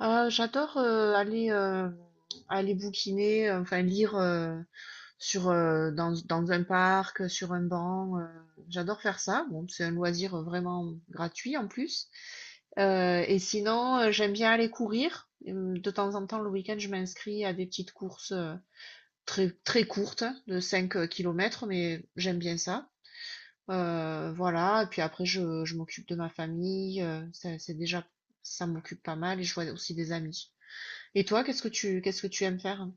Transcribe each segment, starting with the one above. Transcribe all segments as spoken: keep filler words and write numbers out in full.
Ah, j'adore euh, aller euh, aller bouquiner, euh, enfin lire euh, sur euh, dans, dans un parc, sur un banc. Euh, j'adore faire ça. Bon, c'est un loisir vraiment gratuit en plus. Euh, et sinon, euh, j'aime bien aller courir. Hum. De temps en temps, le week-end, je m'inscris à des petites courses euh, très très courtes, de cinq euh, kilomètres, mais j'aime bien ça. Euh, voilà. Et puis après, je, je m'occupe de ma famille. Euh, ça- c'est déjà ça m'occupe pas mal et je vois aussi des amis. Et toi, qu'est-ce que tu qu'est-ce que tu aimes faire?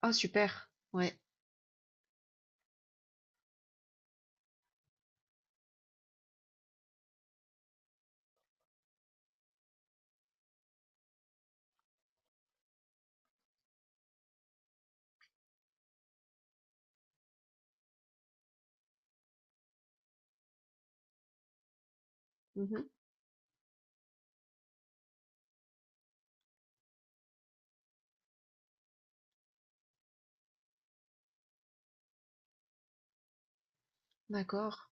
Ah super, ouais. Mhm. D'accord.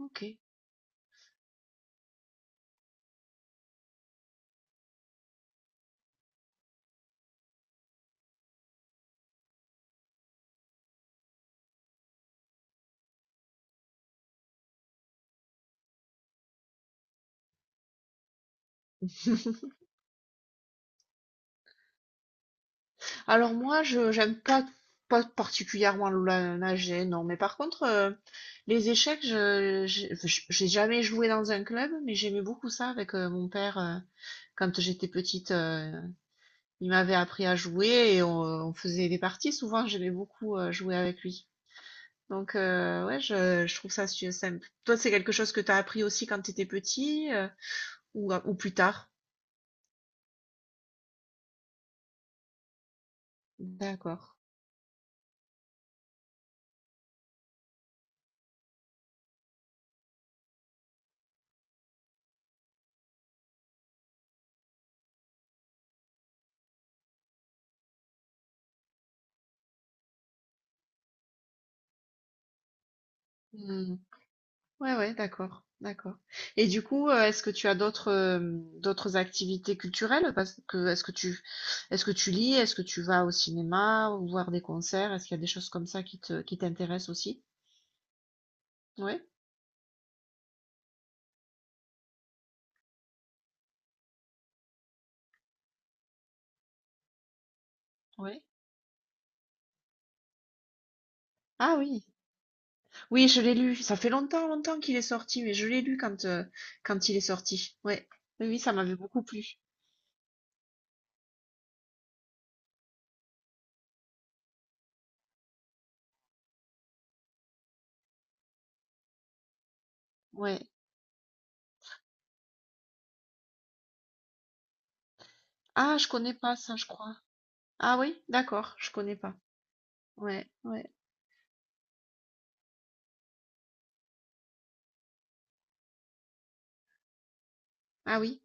OK. Alors moi, je j'aime pas pas particulièrement la nager, non. Mais par contre, euh, les échecs, je j'ai j'ai jamais joué dans un club, mais j'aimais beaucoup ça avec euh, mon père euh, quand j'étais petite. Euh, il m'avait appris à jouer et on, on faisait des parties. Souvent, j'aimais beaucoup euh, jouer avec lui. Donc euh, ouais, je, je trouve ça su- simple. Toi, c'est quelque chose que t'as appris aussi quand t'étais petit. euh? Ou ou plus tard? D'accord. Mmh. Ouais, ouais, d'accord, d'accord. Et du coup, heu, est-ce que tu as d'autres, hem, d'autres activités culturelles? Parce que est-ce que tu est-ce que tu lis? Est-ce que tu vas au cinéma ou voir des concerts? Est-ce qu'il y a des choses comme ça qui te qui t'intéressent aussi? Ouais? Ouais. Ah oui. Oui, je l'ai lu. Ça fait longtemps, longtemps qu'il est sorti, mais je l'ai lu quand, heu, quand il est sorti. Ouais. Oui, oui, ça m'avait beaucoup plu. Ouais. Ah, je connais pas ça, je crois. Ah oui? D'accord, je connais pas. Ouais, ouais. Ah oui?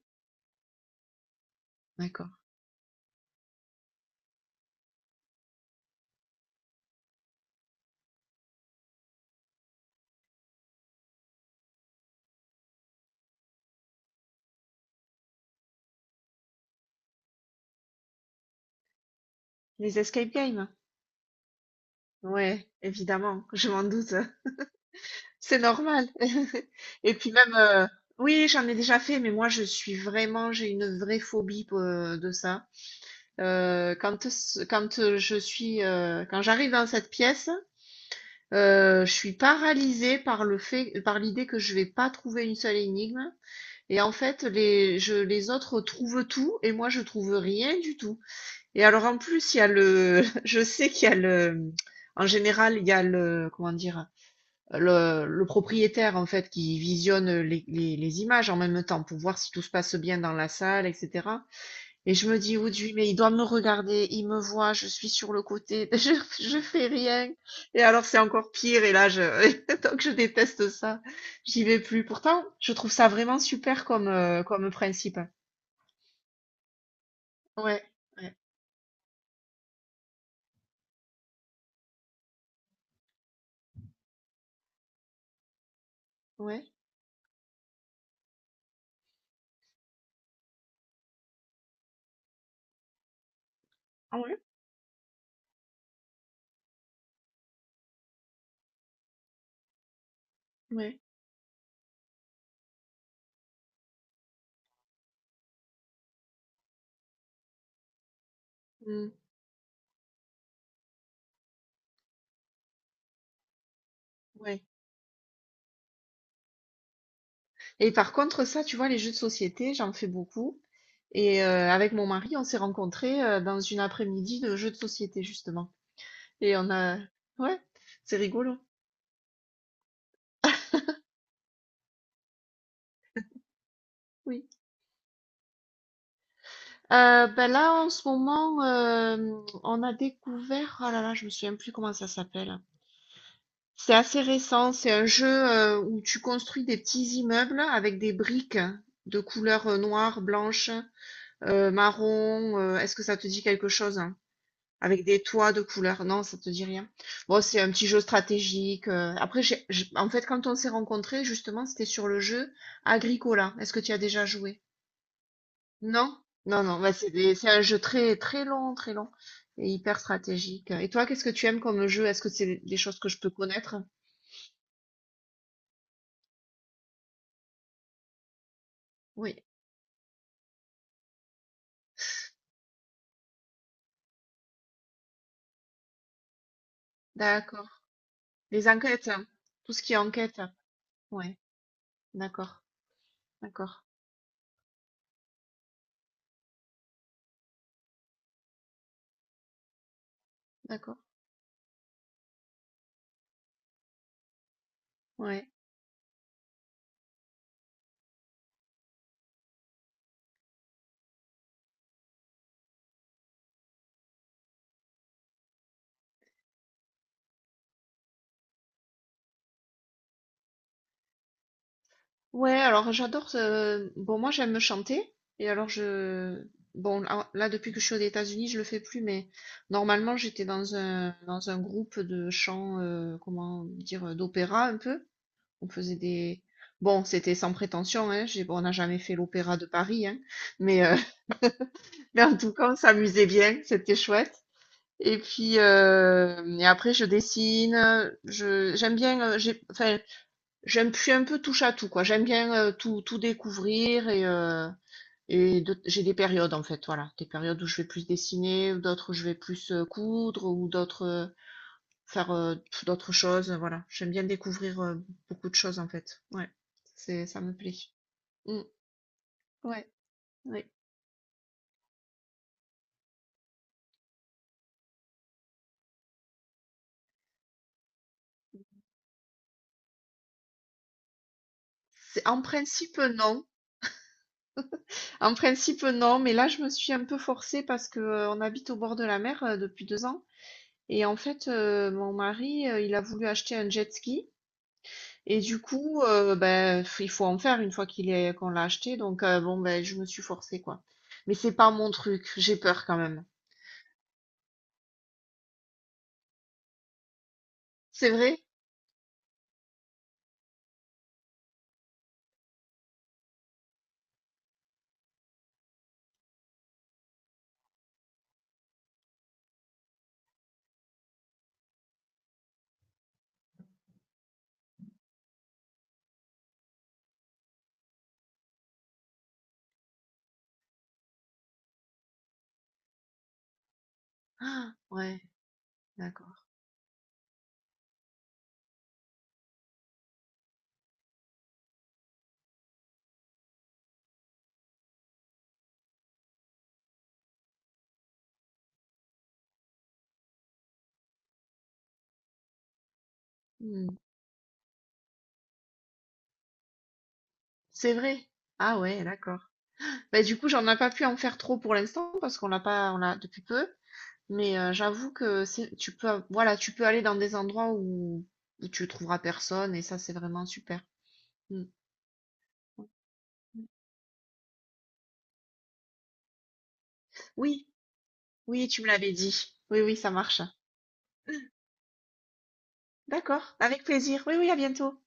D'accord. Les escape games? Ouais, évidemment, je m'en doute, c'est normal. Et puis même, heu, oui, j'en ai déjà fait, mais moi je suis vraiment j'ai une vraie phobie p de ça. Heu, quand ce quand, heu, je suis, heu, quand j'arrive dans cette pièce, heu, je suis paralysée par le fait par l'idée que je vais pas trouver une seule énigme et en fait les je les autres trouvent tout et moi je trouve rien du tout. Et alors en plus, il y a le, je sais qu'il y a le, en général, il y a le, comment dire, le, le propriétaire en fait qui visionne les, les, les images en même temps pour voir si tout se passe bien dans la salle, et cætera. Et je me dis, oui, mais il doit me regarder, il me voit, je suis sur le côté, je, je fais rien. Et alors c'est encore pire. Et là, je, donc je déteste ça. J'y vais plus. Pourtant, je trouve ça vraiment super comme, euh, comme principe. Ouais, ouais, ouais. Ah ouais, ouais. Mm. Ouais. Et par contre, ça, tu vois, les jeux de société, j'en fais beaucoup. Et euh, avec mon mari, on s'est rencontrés euh, dans une après-midi de jeux de société, justement. Et on a... Ouais, c'est rigolo. Oui. Euh, ben là, en ce moment, euh, on a découvert... Oh là là, je me souviens plus comment ça s'appelle. C'est assez récent. C'est un jeu euh, où tu construis des petits immeubles avec des briques de couleur euh, noire, blanche, euh, marron. euh, Est-ce que ça te dit quelque chose? Avec des toits de couleurs, non, ça te dit rien? Bon, c'est un petit jeu stratégique. euh, Après, j'ai, j'ai- en fait, quand on s'est rencontrés, justement, c'était sur le jeu Agricola. Est-ce que tu y as déjà joué? Non? Non, non, bah, c'est des- c'est un jeu très, très long, très long et hyper stratégique. Et toi, qu'est-ce que tu aimes comme jeu? Est-ce que c'est des des choses que je peux connaître? Oui, d'accord. Les enquêtes, hein, tout ce qui est enquête. Hein. Ouais, d'accord, d'accord, d'accord. Ouais. Ouais, alors j'adore. euh, Bon, moi j'aime chanter. Et alors je. Bon, là, là, depuis que je suis aux États-Unis, je le fais plus, mais normalement j'étais dans un, dans un groupe de chant, euh, comment dire, euh, d'opéra un peu. On faisait des. Bon, c'était sans prétention, hein. J'ai... bon, on n'a jamais fait l'opéra de Paris, hein. Mais, euh, mais en tout cas, on s'amusait bien, c'était chouette. Et puis, euh, et après, je dessine. Je, j'aime bien. euh, j'ai... Enfin, J'aime, je suis un peu touche à tout, quoi. J'aime bien euh, tout, tout découvrir et, euh, et de- j'ai des périodes en fait, voilà, des périodes où je vais plus dessiner, ou d'autres où je vais plus euh, coudre ou d'autres euh, faire euh, pff, d'autres choses, voilà. J'aime bien découvrir euh, beaucoup de choses en fait. Ouais, c'est ça me plaît. Mm. Ouais. Ouais. C'est en principe non. En principe non, mais là je me suis un peu forcée parce que euh, on habite au bord de la mer euh, depuis deux ans et en fait euh, mon mari euh, il a voulu acheter un jet ski. Et du coup, heu, ben, f- il faut en faire une fois qu'il est qu'on l'a acheté donc heu, bon, ben, je me suis forcée, quoi. Mais c'est pas mon truc, j'ai peur quand même. C'est vrai? Ah ouais, d'accord. Mmh. C'est vrai? Ah ouais, d'accord. Ben du coup, j'en ai pas pu en faire trop pour l'instant parce qu'on l'a pas on l'a depuis peu, mais heu, j'avoue que c'est tu peux av voilà, tu peux aller dans des endroits où où tu trouveras personne et ça, c'est vraiment super. Mmh. Oui, oui, tu me l'avais dit. Oui, oui, ça marche. D'accord, avec plaisir. Oui, oui, à bientôt.